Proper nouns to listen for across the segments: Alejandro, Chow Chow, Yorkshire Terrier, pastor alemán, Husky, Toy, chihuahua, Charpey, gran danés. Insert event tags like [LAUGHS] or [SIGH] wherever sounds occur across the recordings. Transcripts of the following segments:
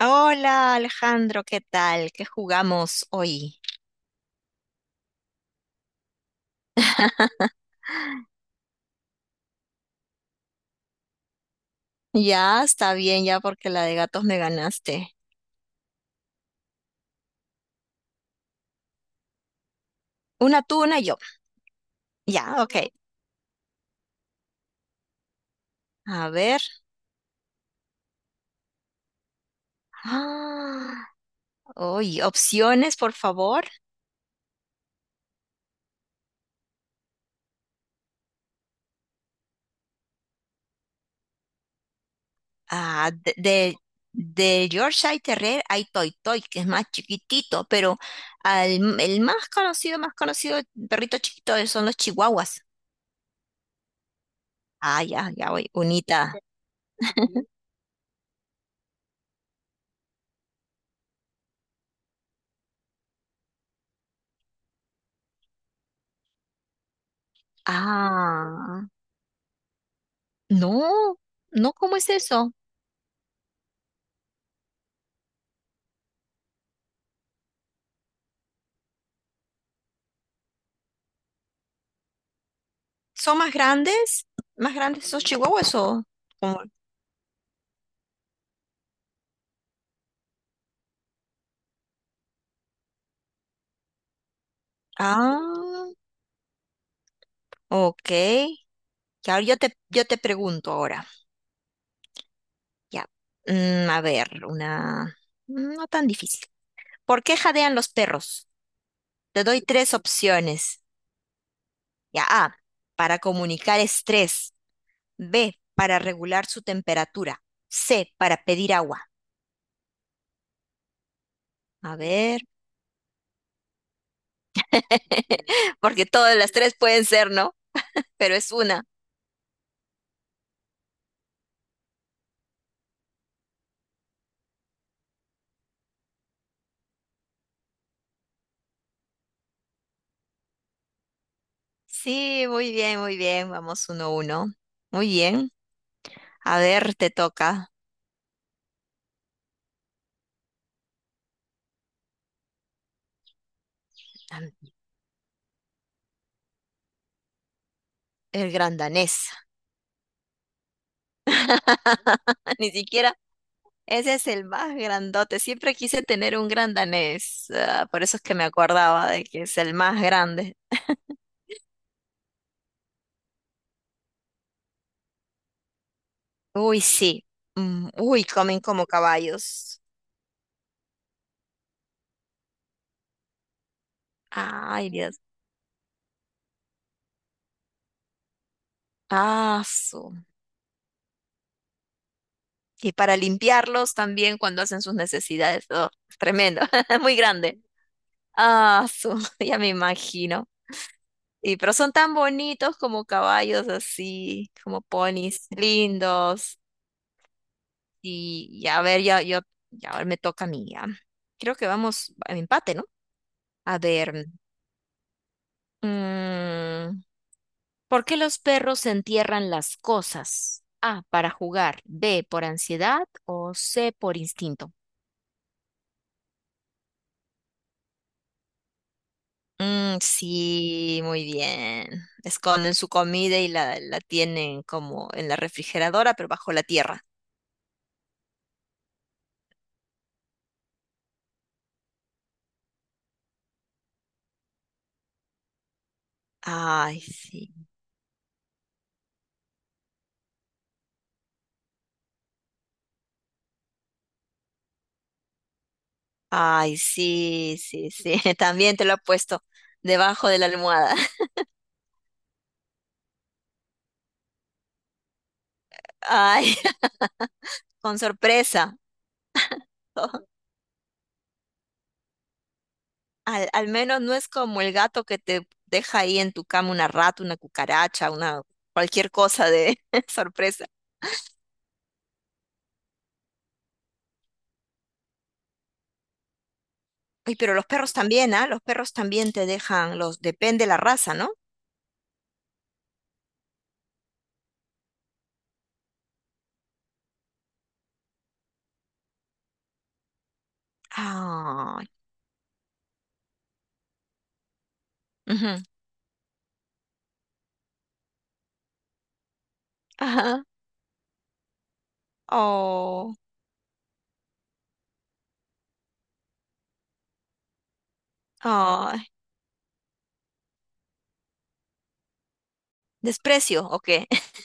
Hola Alejandro, ¿qué tal? ¿Qué jugamos hoy? Ya está bien, ya porque la de gatos me ganaste. Una tú, una yo. Ya, ok. A ver. Ah, opciones, por favor. Ah, de Yorkshire Terrier hay Toy Toy, que es más chiquitito, pero el más conocido perrito chiquito son los chihuahuas. Ah, ya, ya voy. Unita. Ah, no, no, ¿cómo es eso? ¿Son más grandes? ¿Más grandes esos chihuahuas o como- Ah, ok. Que ahora yo te pregunto ahora. Ya. A ver, una... No tan difícil. ¿Por qué jadean los perros? Te doy tres opciones. Ya, A, para comunicar estrés. B, para regular su temperatura. C, para pedir agua. A ver, [LAUGHS] porque todas las tres pueden ser, ¿no? Pero es una. Sí, muy bien, muy bien. Vamos uno a uno. Muy bien. A ver, te toca el gran danés. [LAUGHS] Ni siquiera, ese es el más grandote. Siempre quise tener un gran danés. Ah, por eso es que me acordaba de que es el más grande. Uy, sí. Uy, comen como caballos. Ay, Dios. Ah, su. Y para limpiarlos también cuando hacen sus necesidades. Oh, tremendo. [LAUGHS] Muy grande. Ah, su. [LAUGHS] Ya me imagino. Y pero son tan bonitos como caballos así, como ponis lindos. Y a ver, ya, ya ahora me toca a mí. Ya. Creo que vamos a empate, ¿no? A ver, mm, ¿por qué los perros entierran las cosas? A, para jugar, B, por ansiedad o C, por instinto. Mm, sí, muy bien. Esconden su comida y la tienen como en la refrigeradora, pero bajo la tierra. Ay, sí. Ay, sí, sí, sí. [LAUGHS] También te lo he puesto debajo de la almohada. [LAUGHS] Ay, [LAUGHS] con sorpresa. [LAUGHS] Al menos no es como el gato que te deja ahí en tu cama una rata, una cucaracha, una cualquier cosa de [LAUGHS] sorpresa. Ay, pero los perros también, ¿ah? Los perros también te dejan, los depende la raza, ¿no? Ay. Ujú. Ajá. Oh. Ay. ¿Desprecio o qué? [LAUGHS]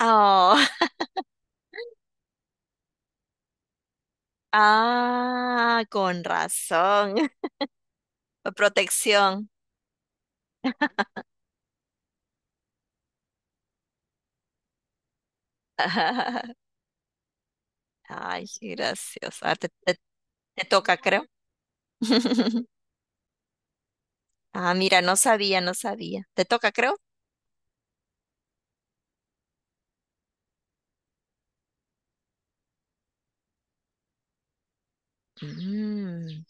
Oh. Ah, con razón. Protección. [LAUGHS] Ay, gracias. Te toca, creo. [LAUGHS] Ah, mira, no sabía, no sabía. ¿Te toca, creo? Mm,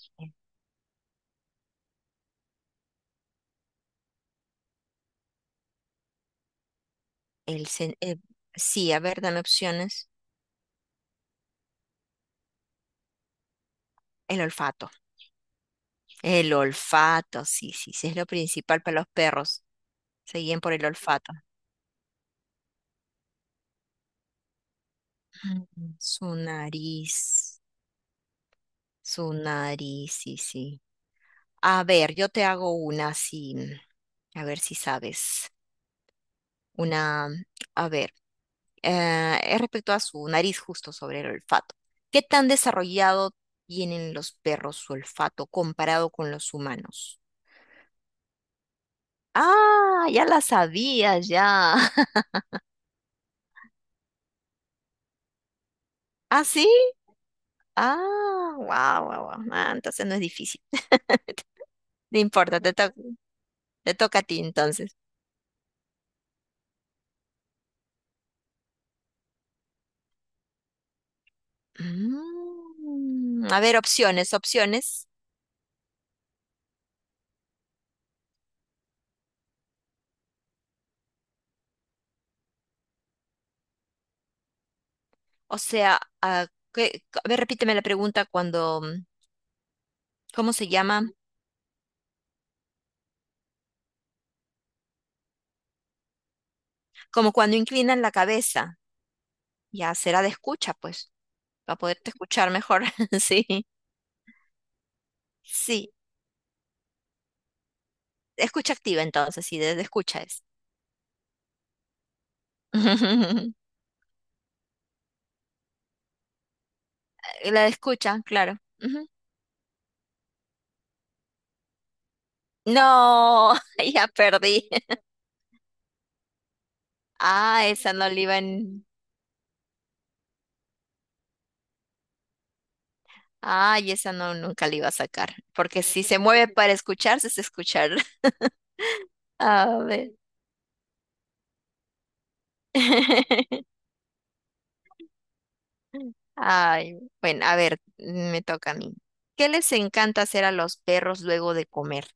el, sen- eh, sí, a ver, dame opciones. El olfato. El olfato, sí, sí, sí, es lo principal para los perros. Se guían por el olfato. Mm. Su nariz, sí, sí. A ver, yo te hago una sí a ver si sabes. Una, a ver. Eh, es respecto a su nariz justo sobre el olfato. ¿Qué tan desarrollado tienen los perros su olfato comparado con los humanos? Ah, ya la sabía, ya. [LAUGHS] ¿Ah, sí? Ah, wow, wow, wow. Ah, entonces no es difícil. [LAUGHS] No importa, te toca a ti entonces. Mm, a ver, opciones, opciones. O sea, ah, a ver, repíteme la pregunta cuando, ¿cómo se llama? Como cuando inclinan la cabeza. Ya será de escucha, pues, para poderte escuchar mejor. [LAUGHS] Sí, sí, escucha activa entonces, sí, de escucha es. [LAUGHS] La de escucha, claro. Ujú. No, [LAUGHS] ya perdí. Ah, esa no la iba en... Ay, esa no, nunca la iba a sacar, porque si se mueve para escucharse, es escuchar. [LAUGHS] A ver. [LAUGHS] Ay, bueno, a ver, me toca a mí. ¿Qué les encanta hacer a los perros luego de comer?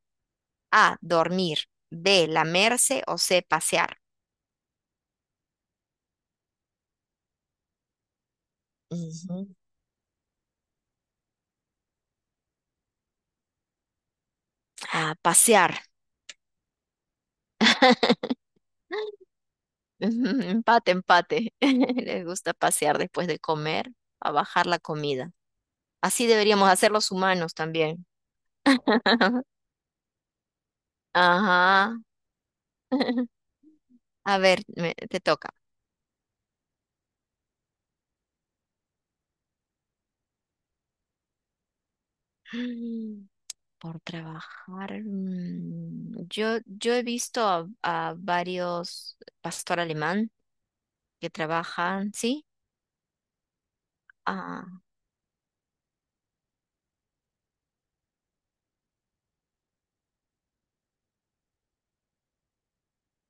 A, dormir. B, lamerse o C, pasear. Ujú. Ah, pasear. [LAUGHS] Empate, empate. [LAUGHS] Les gusta pasear después de comer, a bajar la comida. Así deberíamos hacer los humanos también. [LAUGHS] Ajá. [LAUGHS] A ver, te toca. Mm, por trabajar. Yo he visto a varios pastor alemán que trabajan, ¿sí?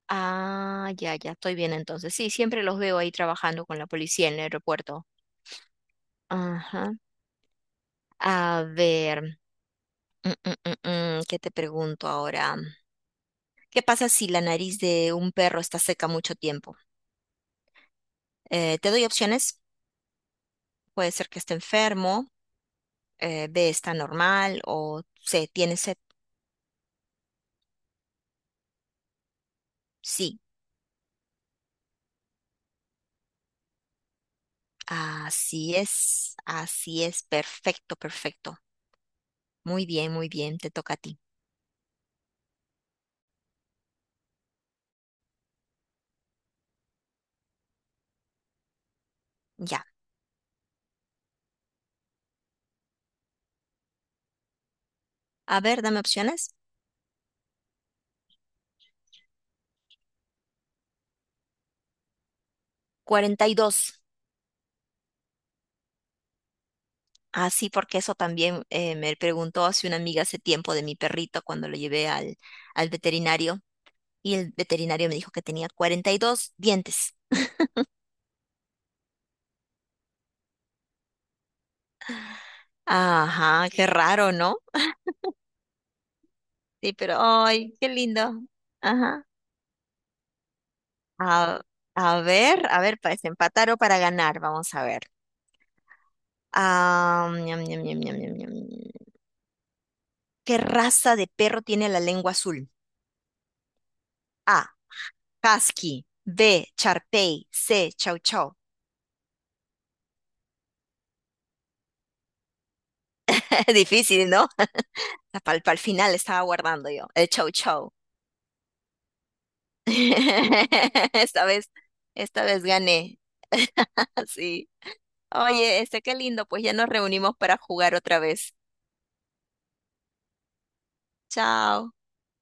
Ah, ya, ya, estoy bien entonces. Sí, siempre los veo ahí trabajando con la policía en el aeropuerto. Ajá. A ver, mm, mm, ¿qué te pregunto ahora? ¿Qué pasa si la nariz de un perro está seca mucho tiempo? Te doy opciones. Puede ser que esté enfermo, B está normal o C tiene sed. Sí, así es, perfecto, perfecto. Muy bien, te toca a ti. Ya. A ver, dame opciones. 42. Ah, sí, porque eso también me preguntó hace una amiga hace tiempo de mi perrito cuando lo llevé al veterinario y el veterinario me dijo que tenía 42 dientes. Ajá, qué raro, ¿no? Sí, pero ay, qué lindo. Ajá. A, a ver, para desempatar o para ganar, vamos a ver. Ah, ñam, ñam, ñam, ñam, ñam, ñam. ¿Qué raza de perro tiene la lengua azul? A, Husky. B, Charpey. C, Chow Chow. [LAUGHS] Difícil, ¿no? Para el final estaba guardando yo, el chau chau. [LAUGHS] Esta vez, esta vez gané. [LAUGHS] Sí. Oye, este qué lindo, pues ya nos reunimos para jugar otra vez. Chao.